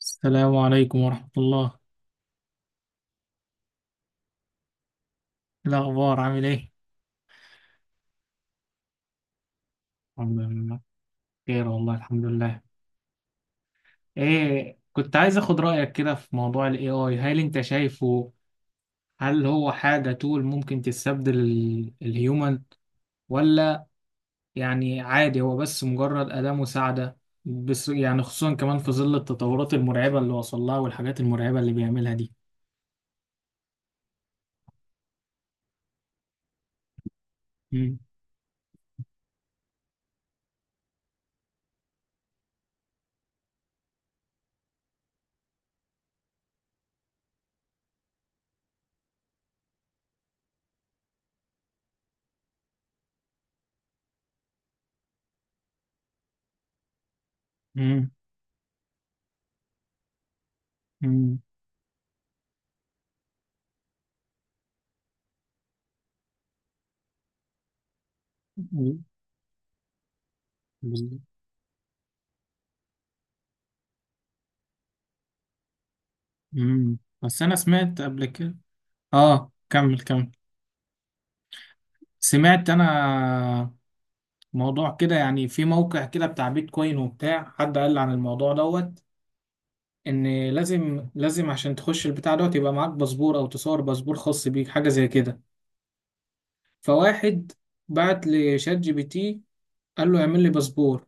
السلام عليكم ورحمة الله. إيه الأخبار عامل إيه؟ الحمد لله، خير والله الحمد لله. إيه، كنت عايز أخد رأيك كده في موضوع ال AI. هل أنت شايفه؟ هل هو حاجة تول ممكن تستبدل الهيومن، ولا يعني عادي هو بس مجرد أداة مساعدة؟ بس يعني خصوصا كمان في ظل التطورات المرعبة اللي وصل لها والحاجات المرعبة اللي بيعملها دي. مم. مم. مم. مم. بس أنا سمعت قبل كده. آه، كمل كمل. سمعت انا موضوع كده يعني، في موقع كده بتاع بيتكوين وبتاع، حد قال لي عن الموضوع دوت. ان لازم لازم عشان تخش البتاع دوت يبقى معاك باسبور او تصور باسبور خاص بيك حاجه زي كده. فواحد بعت لشات جي بي تي، قال له اعمل لي باسبور.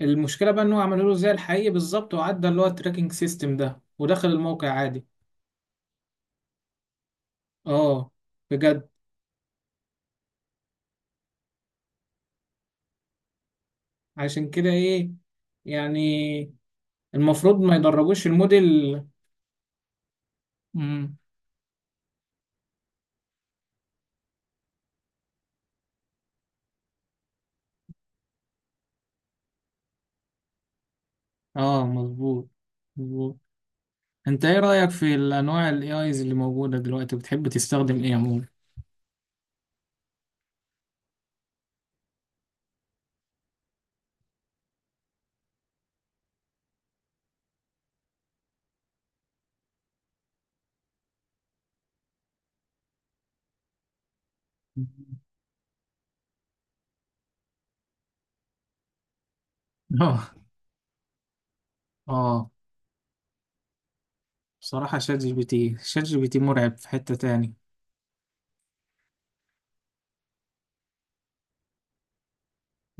المشكله بقى ان هو عمله له زي الحقيقي بالظبط، وعدى اللي هو التراكنج سيستم ده، ودخل الموقع عادي. اه بجد. عشان كده ايه يعني، المفروض ما يدربوش الموديل. مم. اه مظبوط مظبوط. انت ايه رأيك في الانواع الاي ايز اللي موجودة دلوقتي؟ بتحب تستخدم ايه عموما؟ اه اه، بصراحة شات جي بي تي شات جي بي تي مرعب في حتة تاني.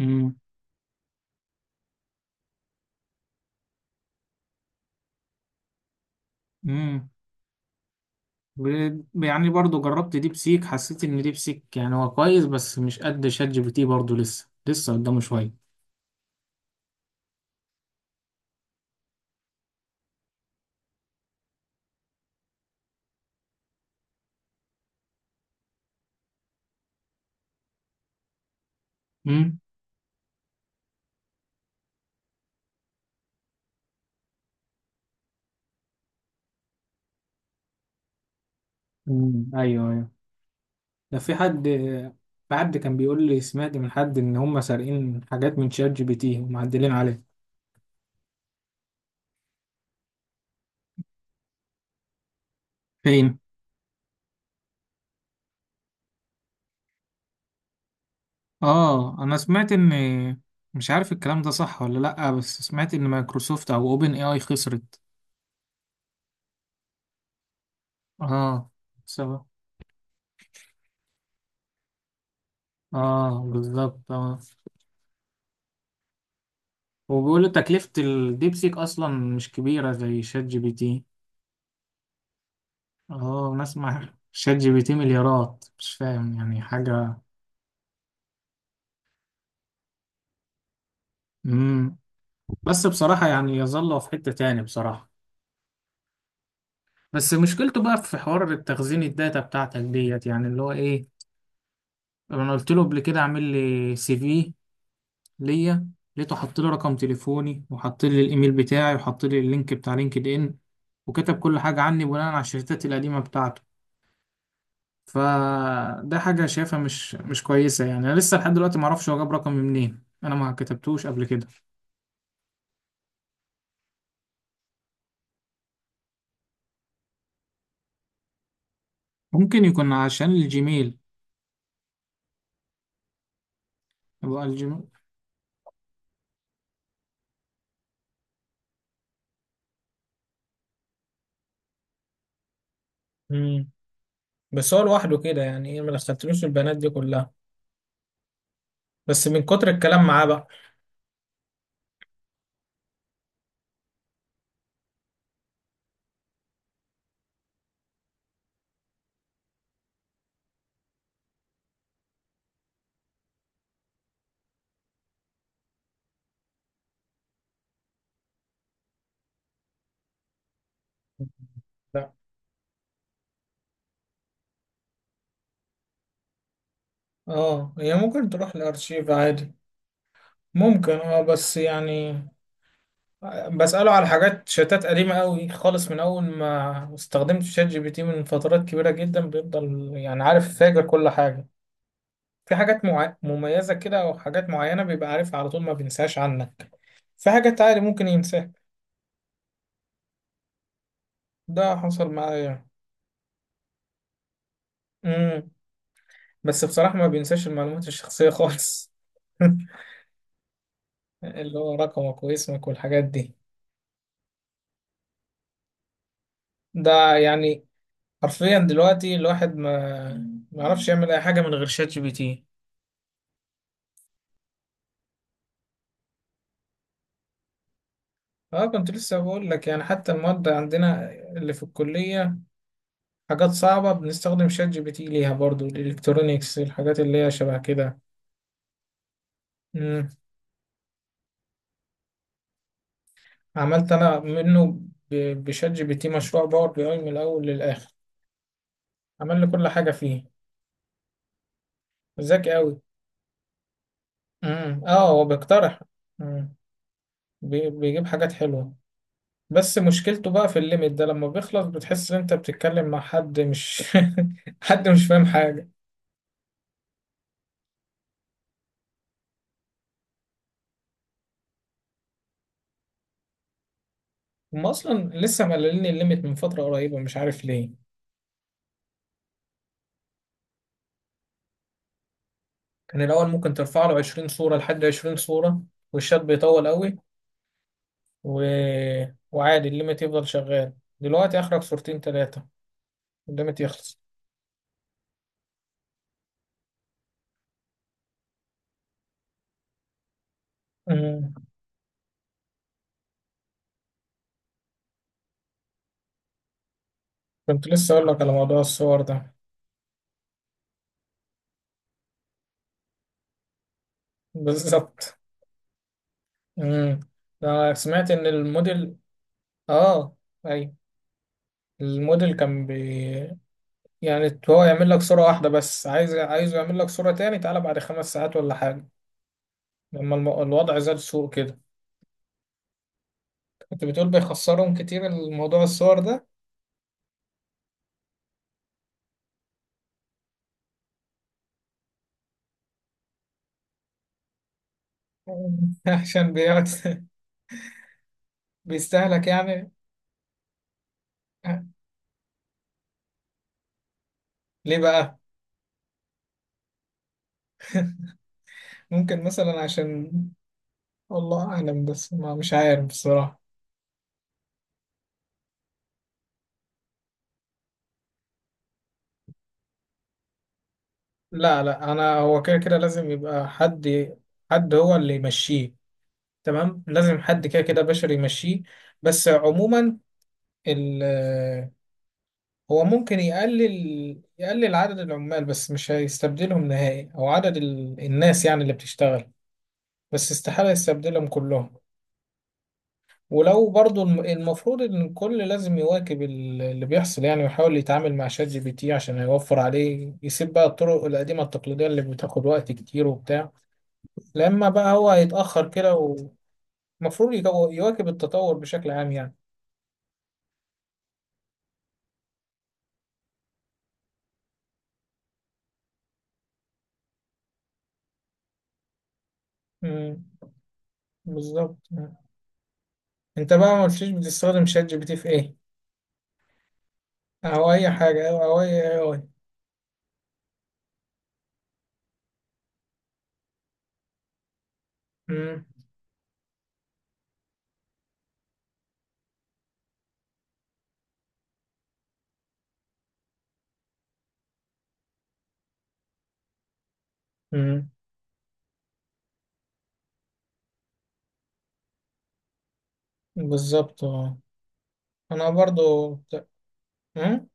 امم. امم. يعني برضو جربت ديب سيك، حسيت ان ديب سيك يعني هو كويس بس مش قد شات جي بي تي، برضو لسه لسه قدامه شوية. امم. امم. ايوه ايوه. ده في حد، في حد كان بيقول لي، سمعت من حد ان هم سارقين حاجات من شات جي بي تي ومعدلين عليه. فين؟ اه انا سمعت ان، مش عارف الكلام ده صح ولا لا، بس سمعت ان مايكروسوفت او اوبن اي اي خسرت. اه. سبب. اه بالظبط اه. وبيقولوا تكلفة الديبسيك اصلا مش كبيرة زي شات جي بي تي. اه نسمع شات جي بي تي مليارات، مش فاهم يعني حاجة. امم. بس بصراحة يعني يظل في حتة تاني بصراحة. بس مشكلته بقى في حوار التخزين، الداتا بتاعتك ديت يعني، اللي هو ايه، انا قلت له قبل كده اعمل لي سي في ليا، لقيته حط لي رقم تليفوني وحط لي الايميل بتاعي وحط لي اللينك بتاع لينكد ان، وكتب كل حاجه عني بناء على الشركات القديمه بتاعته. فده حاجه شايفها مش كويسه يعني. انا لسه لحد دلوقتي ما اعرفش هو جاب رقمي منين، انا ما كتبتوش قبل كده. ممكن يكون عشان الجيميل. يبقى الجيميل. امم. بس هو لوحده كده يعني ايه، ما دخلتلوش البنات دي كلها. بس من كتر الكلام معاه بقى. لا، اه هي ممكن تروح الارشيف عادي. ممكن اه، بس يعني، بسأله على حاجات شتات قديمة قوي خالص من أول ما استخدمت شات جي بي تي، من فترات كبيرة جدا بيفضل يعني عارف فاجر كل حاجة. في حاجات مميزة كده أو حاجات معينة بيبقى عارفها على طول، ما بينساش عنك. في حاجات عادي ممكن ينساها. ده حصل معايا. امم. بس بصراحة ما بينساش المعلومات الشخصية خالص، اللي هو رقمك واسمك والحاجات دي. ده يعني حرفيا دلوقتي الواحد ما ما يعرفش يعمل أي حاجة من غير شات جي بي تي. اه كنت لسه بقول لك يعني، حتى المواد عندنا اللي في الكلية، حاجات صعبة بنستخدم شات جي بي تي ليها برضو، الالكترونيكس الحاجات اللي هي شبه كده. مم. عملت انا منه، بشات جي بي تي، مشروع باور بي اي من الاول للاخر، عمل لي كل حاجة فيه. ذكي قوي. مم. اه هو بيقترح. مم. بيجيب حاجات حلوة. بس مشكلته بقى في الليميت ده، لما بيخلص بتحس ان انت بتتكلم مع حد مش حد مش فاهم حاجة. هم اصلا لسه مقللين الليميت من فترة قريبة، مش عارف ليه. كان الأول ممكن ترفع له 20 صورة، لحد 20 صورة، والشات بيطول قوي و... وعادي الليميت يفضل شغال. دلوقتي آخرك صورتين تلاتة، الليميت يخلص. أمم. كنت لسه أقول لك على موضوع الصور ده. بالظبط. أمم. أنا سمعت إن الموديل، آه أي الموديل كان بي، يعني هو يعمل لك صورة واحدة بس، عايزه يعمل لك صورة تاني تعالى بعد 5 ساعات ولا حاجة. لما الوضع زاد سوء كده، كنت بتقول بيخسرهم كتير الموضوع الصور ده. عشان بيقعد بيستهلك يعني. ليه بقى؟ ممكن مثلا عشان، والله اعلم، بس ما مش عارف بصراحة. لا لا انا، هو كده كده لازم يبقى حد هو اللي يمشيه، تمام. لازم حد كده كده بشري يمشيه. بس عموما ال، هو ممكن يقلل عدد العمال بس مش هيستبدلهم نهائي، او عدد الناس يعني اللي بتشتغل، بس استحالة يستبدلهم كلهم. ولو برضو المفروض ان الكل لازم يواكب اللي بيحصل يعني، ويحاول يتعامل مع شات جي بي تي عشان يوفر عليه، يسيب بقى الطرق القديمة التقليدية اللي بتاخد وقت كتير وبتاع. لما بقى هو هيتأخر كده، ومفروض يواكب التطور بشكل عام يعني. امم. بالظبط. مم. انت بقى ما قلتليش بتستخدم شات جي بي تي في ايه، او اي حاجة او اي اي اي. امم. امم. بالظبط اه. انا برضو. امم.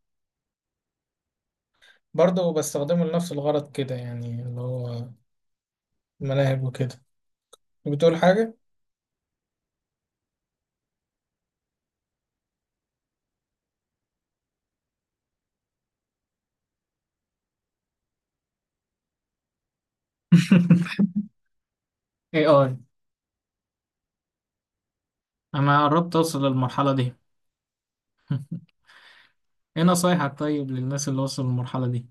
برضو بستخدمه لنفس الغرض كده يعني، اللي هو ملاعب وكده. بتقول حاجة؟ اي اي. انا قربت اوصل للمرحله دي. ايه نصايحك طيب للناس اللي وصلوا للمرحله دي؟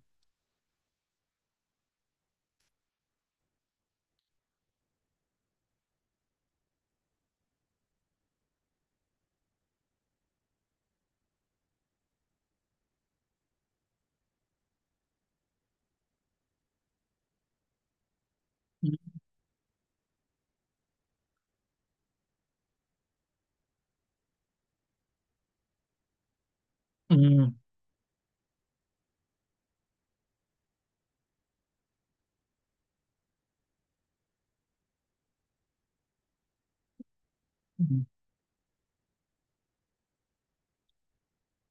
مم. مم.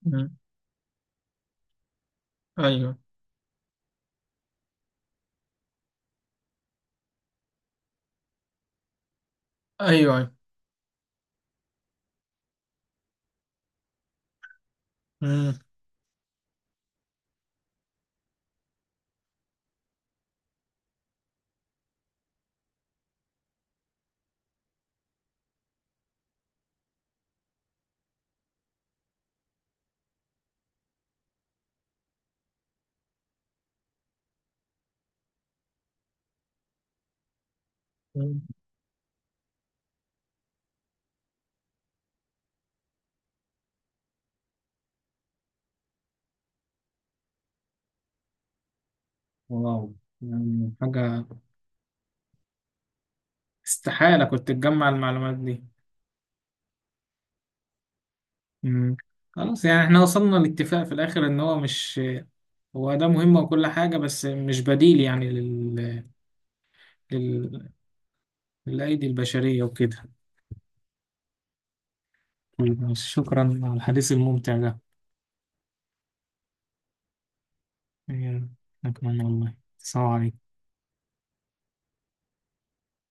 مم. ايوه ايوه ايوه. مم. مم. واو. يعني حاجه، استحاله كنت تجمع المعلومات دي. مم. خلاص، يعني احنا وصلنا لاتفاق في الاخر ان هو مش، هو ده مهم وكل حاجه بس مش بديل يعني لل... للايدي البشريه وكده. طيب، شكرا على الحديث الممتع ده. يا، أنا كمان والله. السلام عليكم.